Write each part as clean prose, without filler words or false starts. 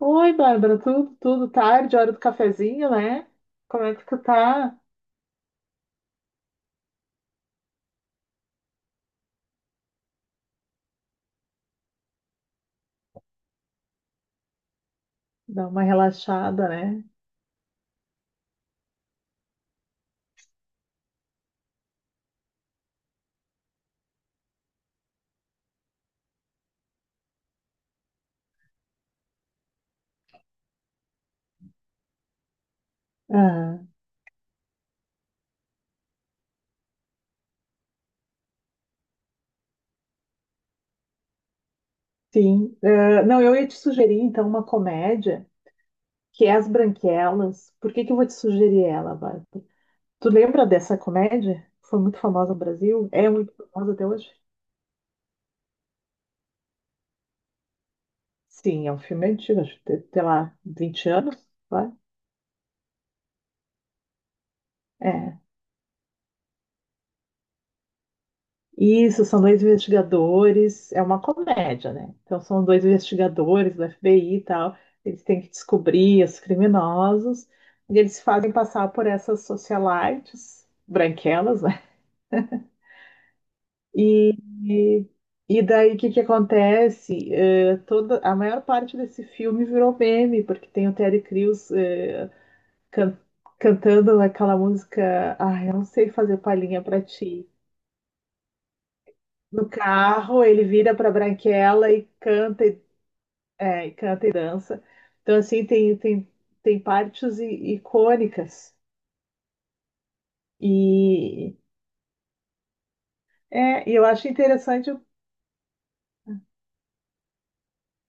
Oi, Bárbara, tudo tarde, hora do cafezinho, né? Como é que tu tá? Dá uma relaxada, né? Ah, sim. Ah, não, eu ia te sugerir, então, uma comédia, que é As Branquelas. Por que que eu vou te sugerir ela, Bárbara? Tu lembra dessa comédia? Foi muito famosa no Brasil? É muito famosa até hoje? Sim, é um filme antigo, acho que, tem, sei lá, 20 anos, vai? É. Isso, são dois investigadores, é uma comédia, né? Então são dois investigadores do FBI e tal, eles têm que descobrir os criminosos, e eles fazem passar por essas socialites branquelas, né? E daí o que que acontece? Toda, a maior parte desse filme virou meme, porque tem o Terry Crews can- cantando aquela música, ah, eu não sei fazer palhinha pra ti. No carro, ele vira pra Branquela e canta, e É, e canta e dança. Então, assim, tem partes icônicas. E, é, e eu acho interessante,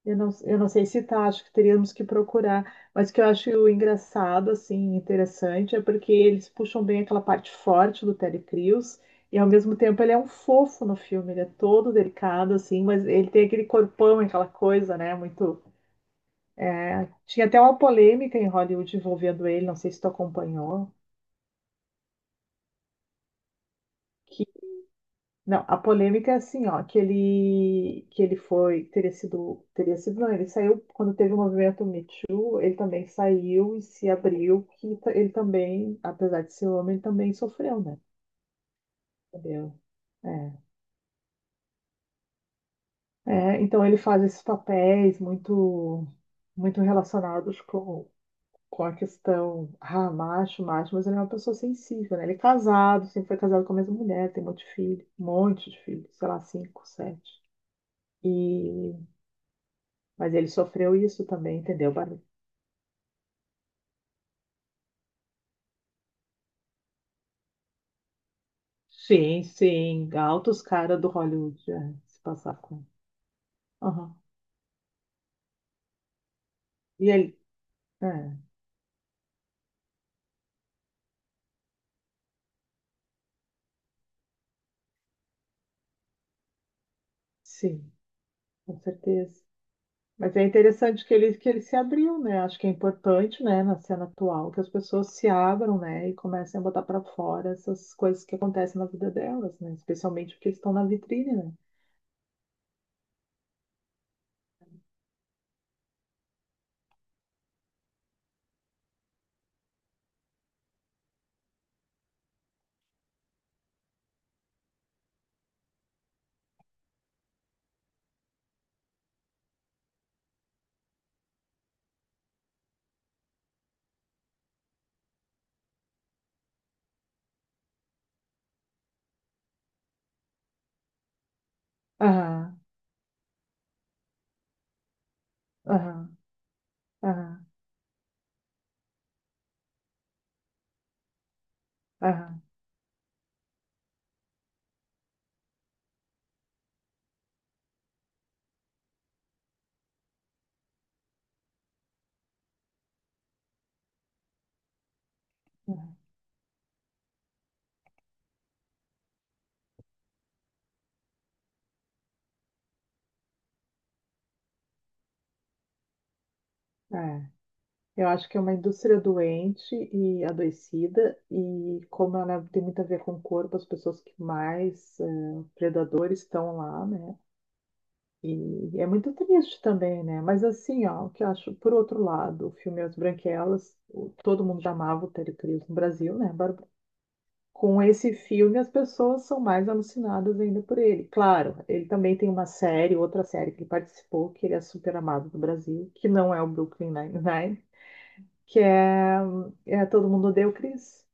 eu não sei se tá, acho que teríamos que procurar, mas o que eu acho engraçado, assim, interessante, é porque eles puxam bem aquela parte forte do Terry Crews, e ao mesmo tempo ele é um fofo no filme, ele é todo delicado, assim, mas ele tem aquele corpão, aquela coisa, né, muito... é, tinha até uma polêmica em Hollywood envolvendo ele, não sei se tu acompanhou. Não, a polêmica é assim, ó, que ele foi, teria sido, não, ele saiu, quando teve o movimento Me Too, ele também saiu e se abriu, que ele também, apesar de ser homem, também sofreu, né? Entendeu? É. É, então ele faz esses papéis muito, muito relacionados com a questão, ah, macho, macho, mas ele é uma pessoa sensível, né? Ele é casado, sempre foi casado com a mesma mulher, tem um monte de filho, um monte de filho, sei lá, cinco, sete. E Mas ele sofreu isso também, entendeu, Bárbara? Sim, sim. Altos caras do Hollywood é, se passar com. Aham. E ele. É, sim, com certeza. Mas é interessante que ele se abriu, né? Acho que é importante, né, na cena atual, que as pessoas se abram, né, e comecem a botar pra fora essas coisas que acontecem na vida delas, né? Especialmente porque eles estão na vitrine, né? Aham, aham, aham, aham, aham. É. Eu acho que é uma indústria doente e adoecida, e como ela tem muito a ver com o corpo, as pessoas que mais predadores estão lá, né? E é muito triste também, né? Mas assim, ó, o que eu acho, por outro lado, o filme As Branquelas, todo mundo já amava o Terry Crews no Brasil, né, Bárbara? Com esse filme, as pessoas são mais alucinadas ainda por ele. Claro, ele também tem uma série, outra série que ele participou, que ele é super amado do Brasil, que não é o Brooklyn Nine-Nine, que é, é Todo Mundo Odeia o Chris.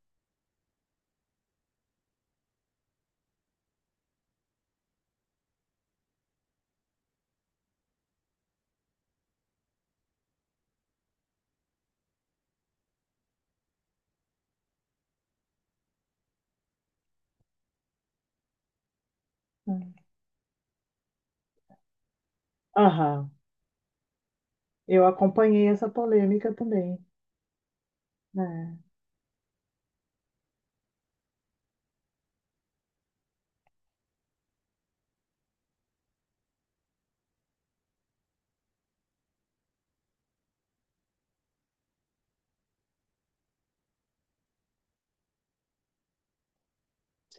Né? Aham. Eu acompanhei essa polêmica também. Né?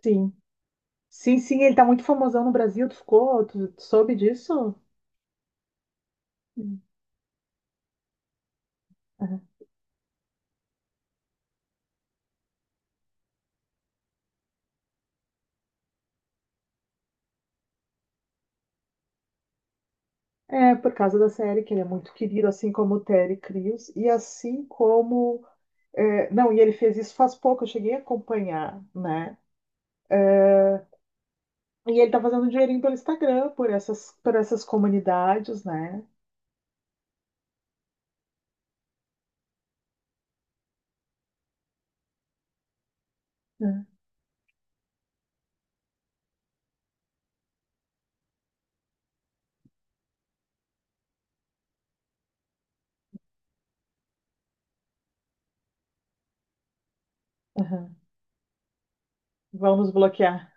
Sim. Sim, sim, ele tá muito famosão no Brasil, tu ficou, tu soube disso? Hum. Aham. É, por causa da série, que ele é muito querido, assim como o Terry Crews, e assim como... é, não, e ele fez isso faz pouco, eu cheguei a acompanhar, né? E ele tá fazendo um dinheirinho pelo Instagram, por essas comunidades, né? Hum. Aham. Vão nos bloquear.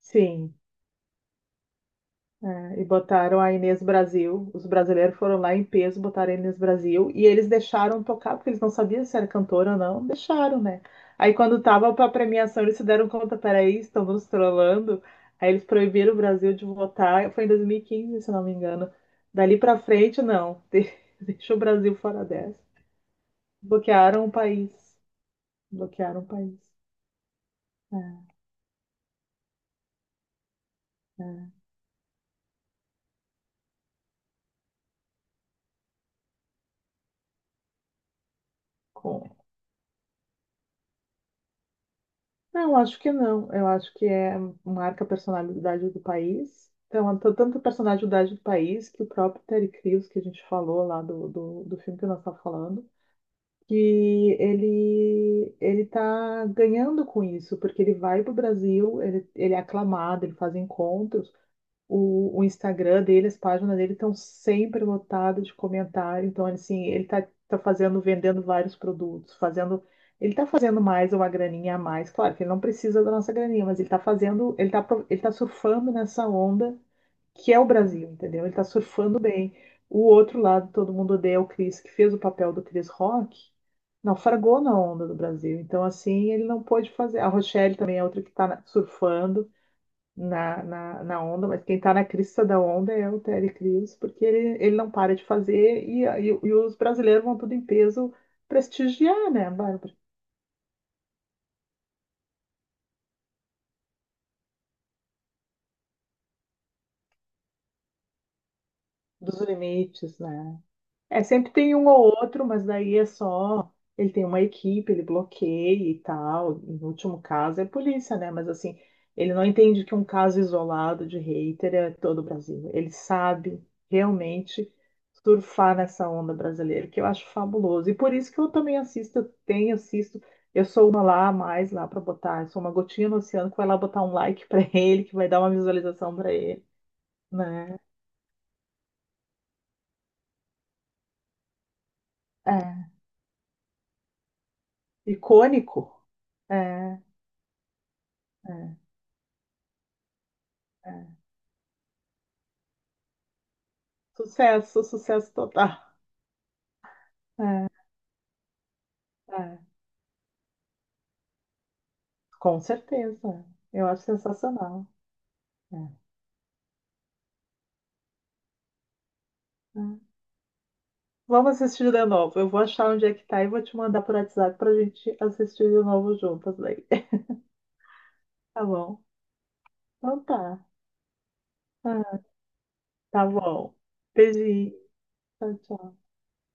Sim. É, e botaram a Inês Brasil. Os brasileiros foram lá em peso, botaram a Inês Brasil. E eles deixaram tocar, porque eles não sabiam se era cantora ou não. Deixaram, né? Aí quando tava pra premiação, eles se deram conta, peraí, estão nos trollando. Aí eles proibiram o Brasil de votar. Foi em 2015, se não me engano. Dali pra frente, não. Deixa o Brasil fora dessa. Bloquearam o país. Bloquearam o país. É, é. com- Não, acho que não. Eu acho que é marca a personalidade do país. Então, tanto a personalidade do país que o próprio Terry Crews, que a gente falou lá do filme que nós estamos falando, que ele tá ganhando com isso, porque ele vai para o Brasil, ele é aclamado, ele faz encontros. O Instagram dele, as páginas dele estão sempre lotadas de comentário. Então, assim, ele tá, tá fazendo, vendendo vários produtos, fazendo. Ele tá fazendo mais uma graninha a mais. Claro que ele não precisa da nossa graninha, mas ele tá fazendo, ele tá, ele tá surfando nessa onda que é o Brasil, entendeu? Ele tá surfando bem. O outro lado, todo mundo odeia o Chris, que fez o papel do Chris Rock, naufragou na onda do Brasil. Então, assim, ele não pôde fazer. A Rochelle também é outra que tá surfando na onda, mas quem está na crista da onda é o Terry Crews, porque ele não para de fazer e os brasileiros vão tudo em peso prestigiar, né, Bárbara? Dos limites, né? É, sempre tem um ou outro, mas daí é só. Ele tem uma equipe, ele bloqueia e tal. No último caso é a polícia, né? Mas assim, ele não entende que um caso isolado de hater é todo o Brasil. Ele sabe realmente surfar nessa onda brasileira, que eu acho fabuloso. E por isso que eu também assisto, eu tenho, assisto. Eu sou uma lá a mais lá para botar. Eu sou uma gotinha no oceano que vai lá botar um like para ele, que vai dar uma visualização para ele, né? É. Icônico. É, é. Sucesso, sucesso total. É. Com certeza. Eu acho sensacional. É. É. Vamos assistir de novo. Eu vou achar onde é que tá e vou te mandar por WhatsApp pra gente assistir de novo juntas aí. Tá bom? Então tá. Ah, tá bom. Beijinho. Tchau, tchau.